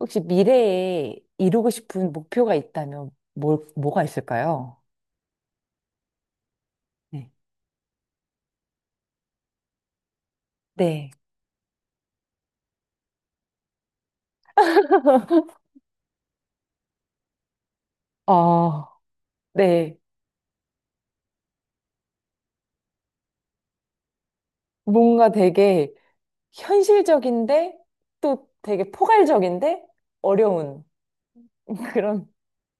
혹시 미래에 이루고 싶은 목표가 있다면 뭘, 뭐가 있을까요? 네. 네. 아, 네. 뭔가 되게 현실적인데 또 되게 포괄적인데 어려운. 그런,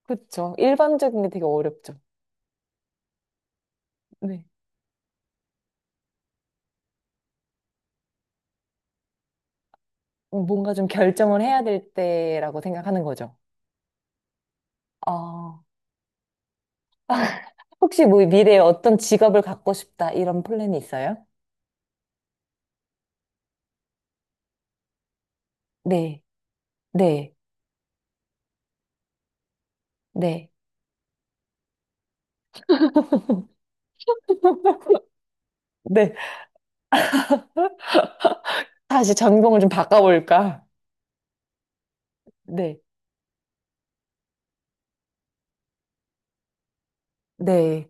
그쵸. 일반적인 게 되게 어렵죠. 네. 뭔가 좀 결정을 해야 될 때라고 생각하는 거죠. 아, 혹시 뭐 미래에 어떤 직업을 갖고 싶다 이런 플랜이 있어요? 네. 네. 네. 네. 다시 전공을 좀 바꿔볼까? 네, 네.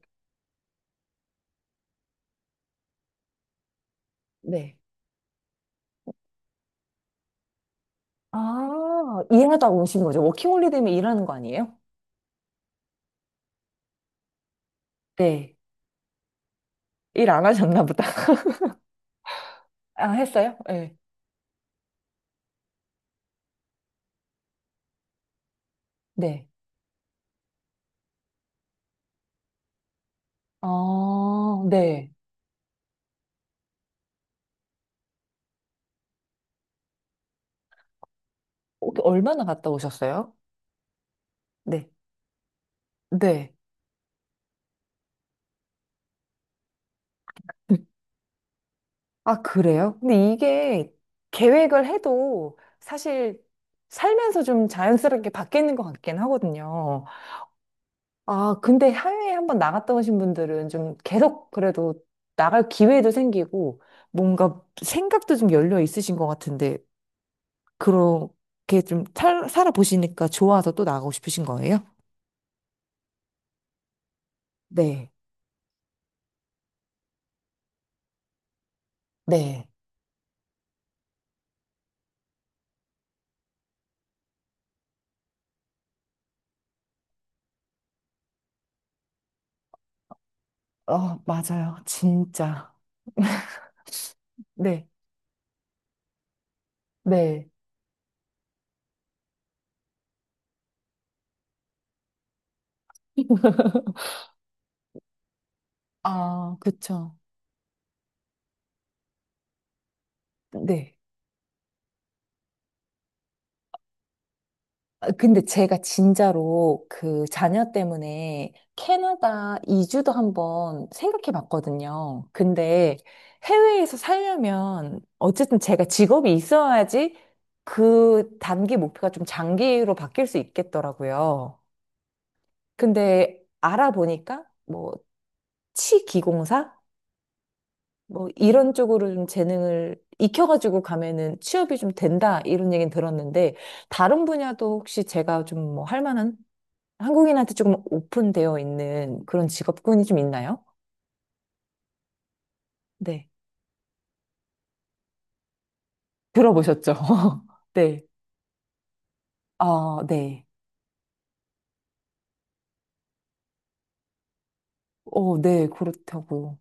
네. 아, 일하다가 오신 거죠. 워킹홀리데이면 일하는 거 아니에요? 네. 일 안 하셨나 보다. 아, 했어요? 네. 네. 아, 네. 어, 얼마나 갔다 오셨어요? 네. 네. 아, 그래요? 근데 이게 계획을 해도 사실 살면서 좀 자연스럽게 바뀌는 것 같긴 하거든요. 아, 근데 해외에 한번 나갔다 오신 분들은 좀 계속 그래도 나갈 기회도 생기고 뭔가 생각도 좀 열려 있으신 것 같은데 그렇게 좀 살, 살아보시니까 좋아서 또 나가고 싶으신 거예요? 네, 네. 어, 맞아요. 진짜. 네, 네. 아, 그쵸. 네. 아, 근데 제가 진짜로 그 자녀 때문에 캐나다 이주도 한번 생각해 봤거든요. 근데 해외에서 살려면 어쨌든 제가 직업이 있어야지 그 단기 목표가 좀 장기로 바뀔 수 있겠더라고요. 근데 알아보니까 뭐 치기공사? 뭐 이런 쪽으로 좀 재능을 익혀가지고 가면은 취업이 좀 된다 이런 얘기는 들었는데 다른 분야도 혹시 제가 좀 뭐 할 만한 한국인한테 조금 오픈되어 있는 그런 직업군이 좀 있나요? 네. 들어보셨죠? 네. 아, 네. 어, 네, 그렇다고요.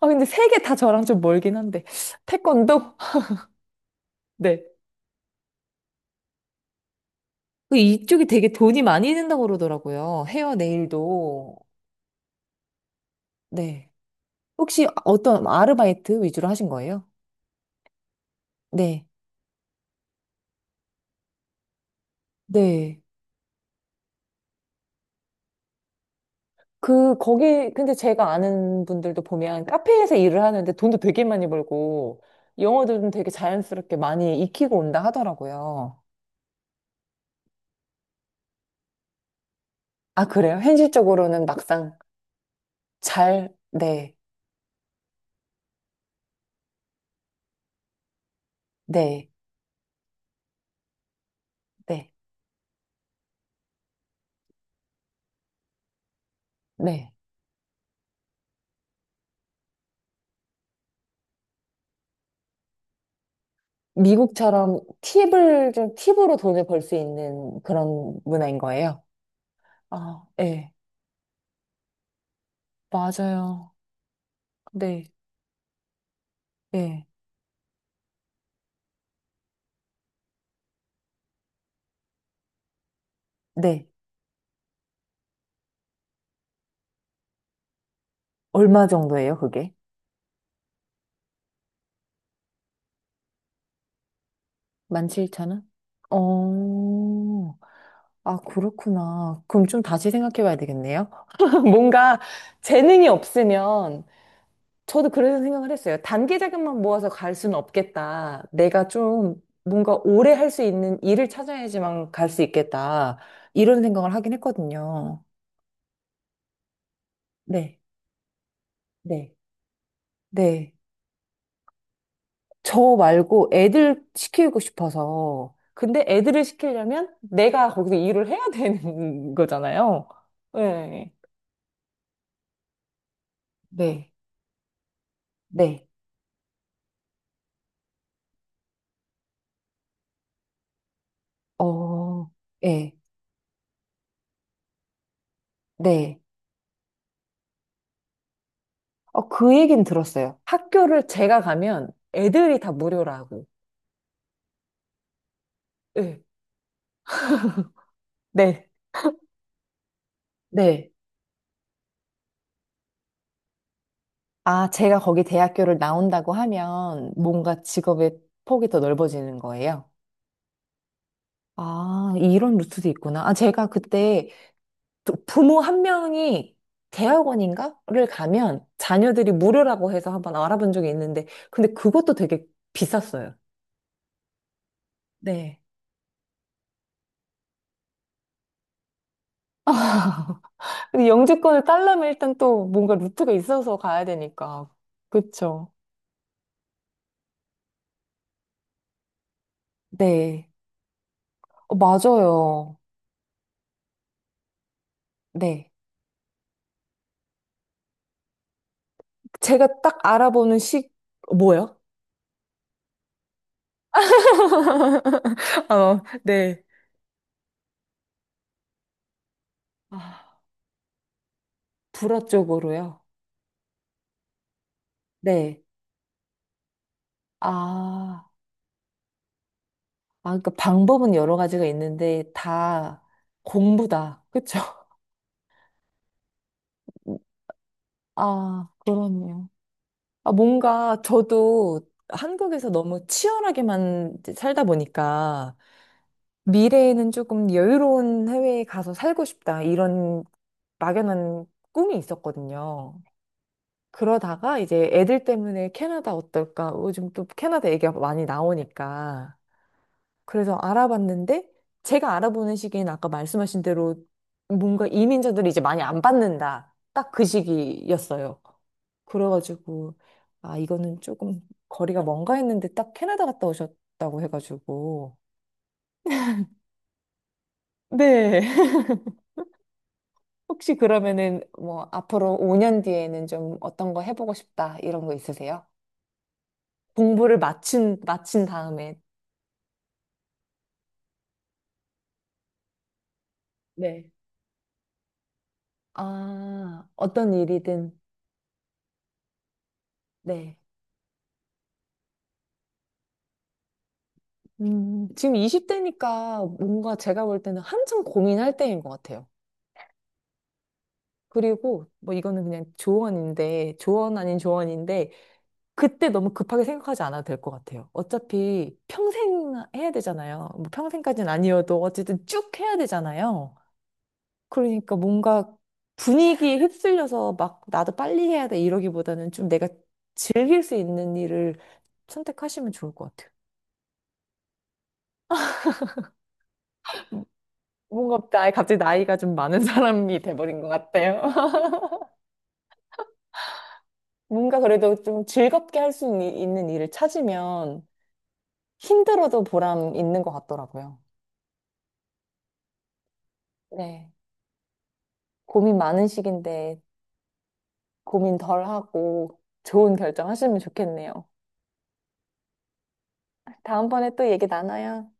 아, 근데 세 개 다 저랑 좀 멀긴 한데. 태권도? 네. 그 이쪽이 되게 돈이 많이 든다고 그러더라고요. 헤어 네일도. 네. 혹시 어떤 아르바이트 위주로 하신 거예요? 네. 네. 그, 거기, 근데 제가 아는 분들도 보면 카페에서 일을 하는데 돈도 되게 많이 벌고 영어도 좀 되게 자연스럽게 많이 익히고 온다 하더라고요. 아, 그래요? 현실적으로는 막상 잘, 네, 네, 네, 네. 미국처럼 팁을 좀 팁으로 돈을 벌 수 있는 그런 문화인 거예요? 아, 네, 맞아요. 네, 네, 네. 얼마 정도예요, 그게? 17,000원? 어, 아, 그렇구나. 그럼 좀 다시 생각해 봐야 되겠네요. 뭔가 재능이 없으면 저도 그래서 생각을 했어요. 단기 자금만 모아서 갈 수는 없겠다. 내가 좀 뭔가 오래 할 수 있는 일을 찾아야지만 갈 수 있겠다. 이런 생각을 하긴 했거든요. 네, 네, 네. 저 말고 애들 시키고 싶어서. 근데 애들을 시키려면 내가 거기서 일을 해야 되는 거잖아요. 네. 네. 네. 어, 예, 네. 어, 그 얘기는 들었어요. 학교를 제가 가면 애들이 다 무료라고. 예. 네. 네. 아, 제가 거기 대학교를 나온다고 하면 뭔가 직업의 폭이 더 넓어지는 거예요. 아, 이런 루트도 있구나. 아, 제가 그때 부모 한 명이 대학원인가를 가면 자녀들이 무료라고 해서 한번 알아본 적이 있는데, 근데 그것도 되게 비쌌어요. 네. 근데 영주권을 딸려면 일단 또 뭔가 루트가 있어서 가야 되니까. 그쵸. 네. 어, 맞아요. 네. 제가 딱 알아보는 시, 어, 뭐요? 어, 네. 아, 불어 쪽으로요. 네. 아, 아, 그러니까 방법은 여러 가지가 있는데 다 공부다. 그쵸? 아, 그러네요. 아, 뭔가 저도 한국에서 너무 치열하게만 이제 살다 보니까 미래에는 조금 여유로운 해외에 가서 살고 싶다. 이런 막연한 꿈이 있었거든요. 그러다가 이제 애들 때문에 캐나다 어떨까? 어, 요즘 또 캐나다 얘기가 많이 나오니까. 그래서 알아봤는데 제가 알아보는 시기엔 아까 말씀하신 대로 뭔가 이민자들이 이제 많이 안 받는다. 딱 그 시기였어요. 그래가지고 아, 이거는 조금 거리가 먼가 했는데 딱 캐나다 갔다 오셨다고 해가지고. 네. 혹시 그러면은 뭐 앞으로 5년 뒤에는 좀 어떤 거 해보고 싶다 이런 거 있으세요? 공부를 마친 다음에. 네. 아, 어떤 일이든, 네. 지금 20대니까 뭔가 제가 볼 때는 한참 고민할 때인 것 같아요. 그리고 뭐 이거는 그냥 조언인데, 조언 아닌 조언인데, 그때 너무 급하게 생각하지 않아도 될 것 같아요. 어차피 평생 해야 되잖아요. 뭐 평생까지는 아니어도 어쨌든 쭉 해야 되잖아요. 그러니까 뭔가 분위기에 휩쓸려서 막 나도 빨리 해야 돼 이러기보다는 좀 내가 즐길 수 있는 일을 선택하시면 좋을 것 같아요. 음, 뭔가 나이 갑자기 나이가 좀 많은 사람이 돼버린 것 같아요. 뭔가 그래도 좀 즐겁게 할 수 있는 일을 찾으면 힘들어도 보람 있는 것 같더라고요. 네. 고민 많은 시기인데 고민 덜 하고 좋은 결정 하시면 좋겠네요. 다음번에 또 얘기 나눠요.